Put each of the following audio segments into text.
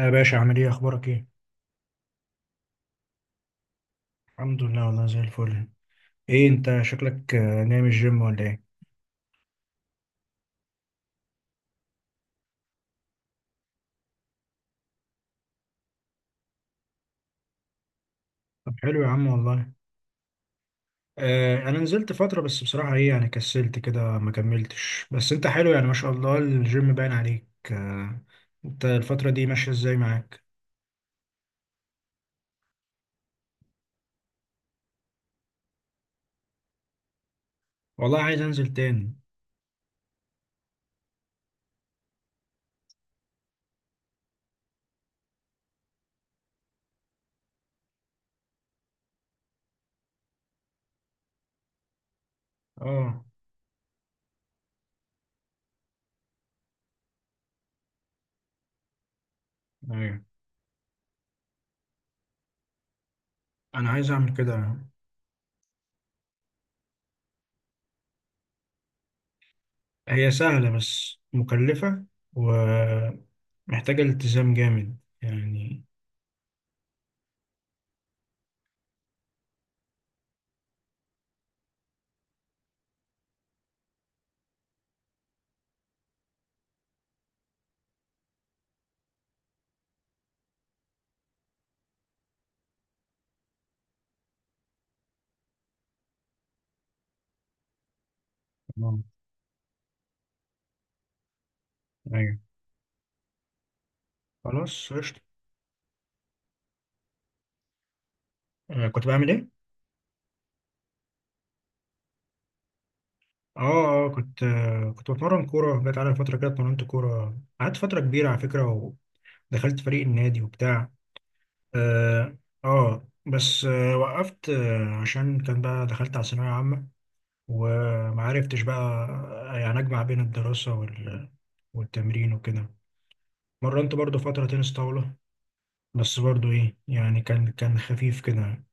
يا باشا، عامل ايه؟ اخبارك ايه؟ الحمد لله، والله زي الفل. ايه انت شكلك، نايم الجيم ولا ايه؟ طب حلو يا عم، والله. انا نزلت فتره، بس بصراحه ايه يعني، كسلت كده، ما كملتش. بس انت حلو يعني، ما شاء الله الجيم باين عليك. آه. انت الفتره دي ماشيه ازاي معاك؟ والله عايز انزل تاني. اه. ايوه، انا عايز اعمل كده. هي سهله بس مكلفه، ومحتاجه التزام جامد يعني. آه، ايوه. خلاص قشطه. كنت بعمل ايه؟ اه. اه كنت بتمرن كورة، جت على فترة كده، اتمرنت كورة، قعدت فترة كبيرة على فكرة، ودخلت فريق النادي وبتاع. اه. بس وقفت عشان كان بقى دخلت على ثانوية عامة، وما عرفتش بقى. يعني أجمع بين الدراسة وال والتمرين وكده. مرنت برضو فترة تنس طاولة، بس برضو ايه يعني، كان خفيف كده.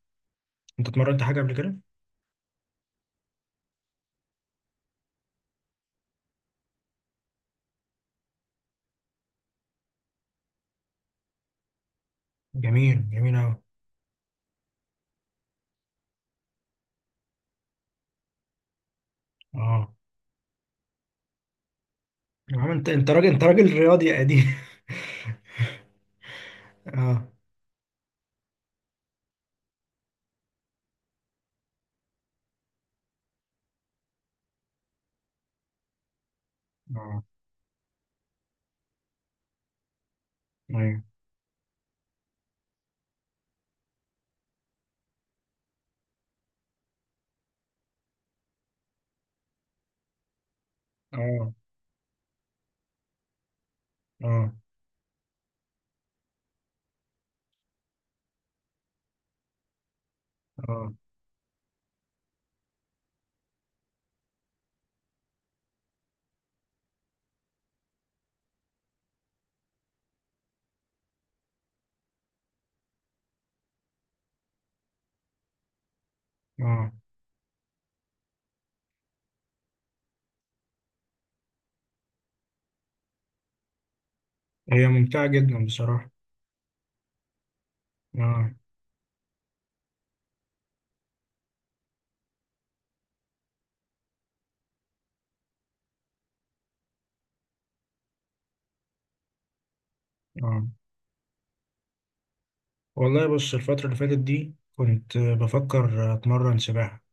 انت اتمرنت حاجة قبل كده؟ جميل، جميل اوي. اه. يا عم، انت راجل، انت راجل رياضي يا قديم. اه. اه. ايوه. اه، اه، اه، اه. هي ممتعة جدا بصراحة. اه، اه. والله، بص الفترة اللي فاتت دي كنت بفكر اتمرن سباحة.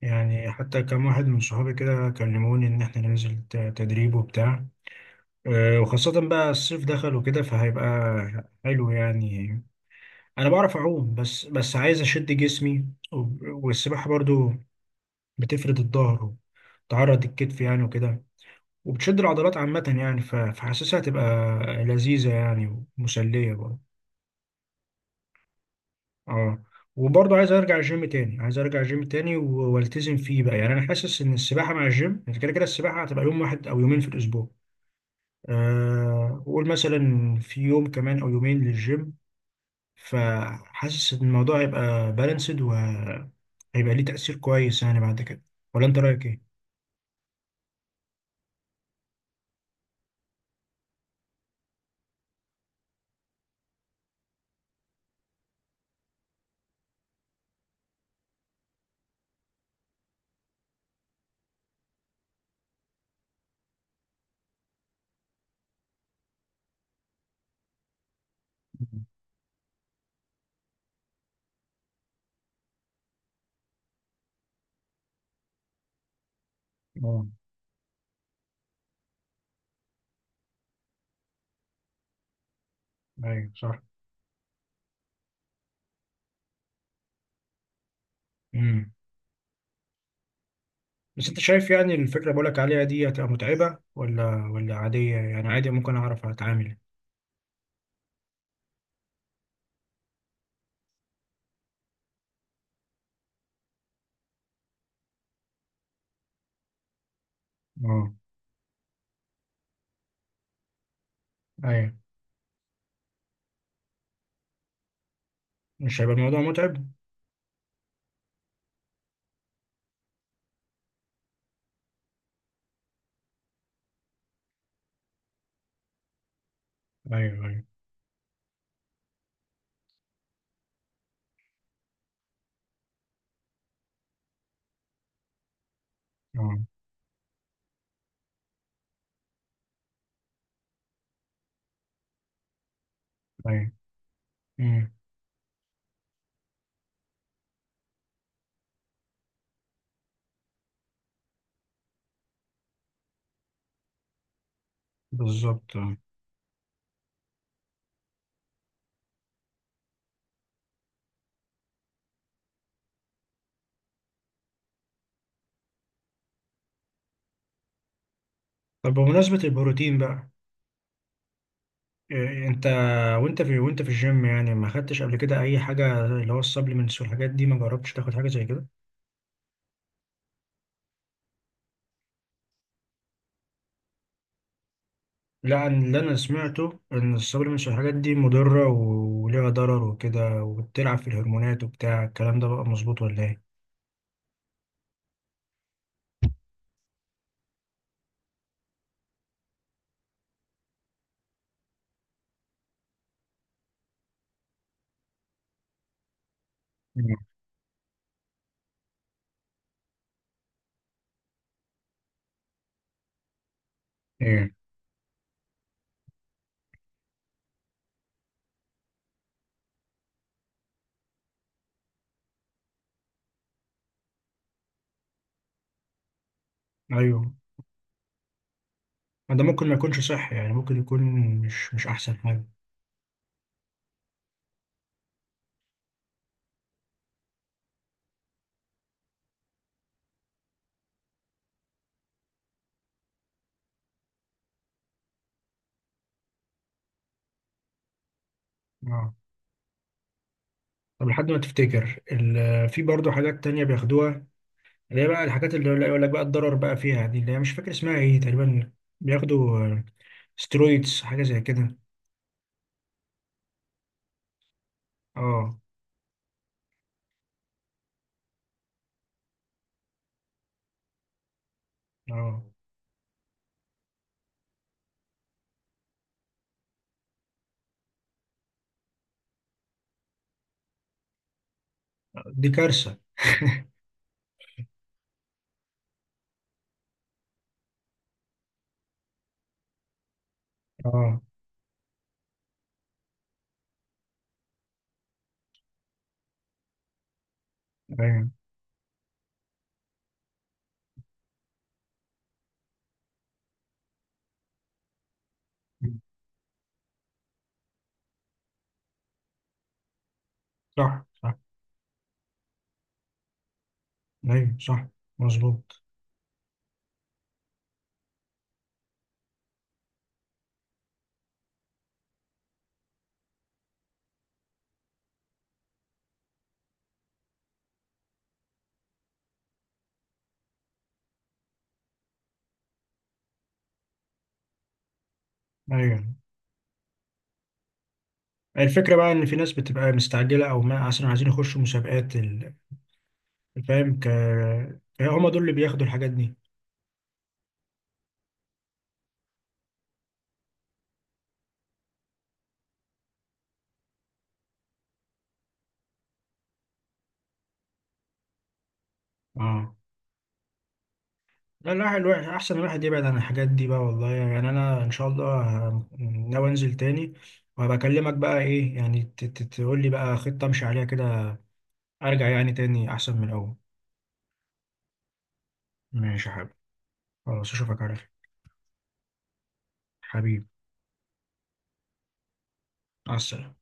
يعني حتى كم واحد من صحابي كده كلموني ان احنا ننزل تدريب وبتاع. وخاصة بقى الصيف دخل وكده، فهيبقى حلو يعني. انا بعرف اعوم، بس بس عايز اشد جسمي. والسباحة برضو بتفرد الظهر، وتعرض الكتف يعني وكده، وبتشد العضلات عامة يعني. فحاسسها هتبقى لذيذة يعني، ومسلية برضه. اه. وبرضه عايز ارجع الجيم تاني، عايز ارجع الجيم تاني والتزم فيه بقى يعني. انا حاسس ان السباحة مع الجيم، يعني كده كده السباحة هتبقى يوم واحد او يومين في الاسبوع، وقول مثلا في يوم كمان او يومين للجيم. فحاسس ان الموضوع هيبقى بالانسد، وهيبقى ليه تأثير كويس يعني بعد كده. ولا انت رأيك ايه؟ مم. اه، ايوه صح. بس انت شايف يعني الفكرة بقولك عليها دي، هتبقى متعبة ولا عادية؟ يعني عادي ممكن اعرف اتعامل. اه، ايوه. مش هيبقى الموضوع متعب؟ ايوه، ايوه. اه. ايوه. امم. بالظبط، اه. طب بمناسبة البروتين بقى، إيه انت، وانت في الجيم يعني ما خدتش قبل كده اي حاجة، اللي هو السبلمنتس والحاجات دي، ما جربتش تاخد حاجة زي كده؟ لا، اللي انا سمعته ان السبلمنتس والحاجات دي مضرة وليها ضرر وكده، وبتلعب في الهرمونات وبتاع الكلام ده، بقى مظبوط ولا ايه؟ مم. ايه. ايوه، ما ده ممكن ما يكونش صح يعني، ممكن يكون مش احسن حاجه. اه. طب لحد ما تفتكر في برضه حاجات تانية بياخدوها، اللي هي بقى الحاجات اللي يقول لك بقى الضرر بقى فيها دي، اللي هي مش فاكر اسمها ايه تقريبا، بياخدوا سترويدز، حاجه زي كده. اه. اه. دي كارثه. اه. ايوه، صح، صح، ايوه، صح. مظبوط. ايوه. الفكره بقى ان في ناس بتبقى مستعجله، او ما اصلا عايزين يخشوا مسابقات فاهم فهم دول اللي بياخدوا الحاجات دي. اه. لا، الواحد الواحد احسن الواحد يبعد عن الحاجات دي بقى، والله يعني. انا ان شاء الله ناوي انزل تاني، وهبقى اكلمك بقى ايه يعني، تقول لي بقى خطة امشي عليها كده، ارجع يعني تاني احسن من الاول. ماشي يا حبيبي. خلاص، اشوفك على خير. حبيبي. مع السلامة.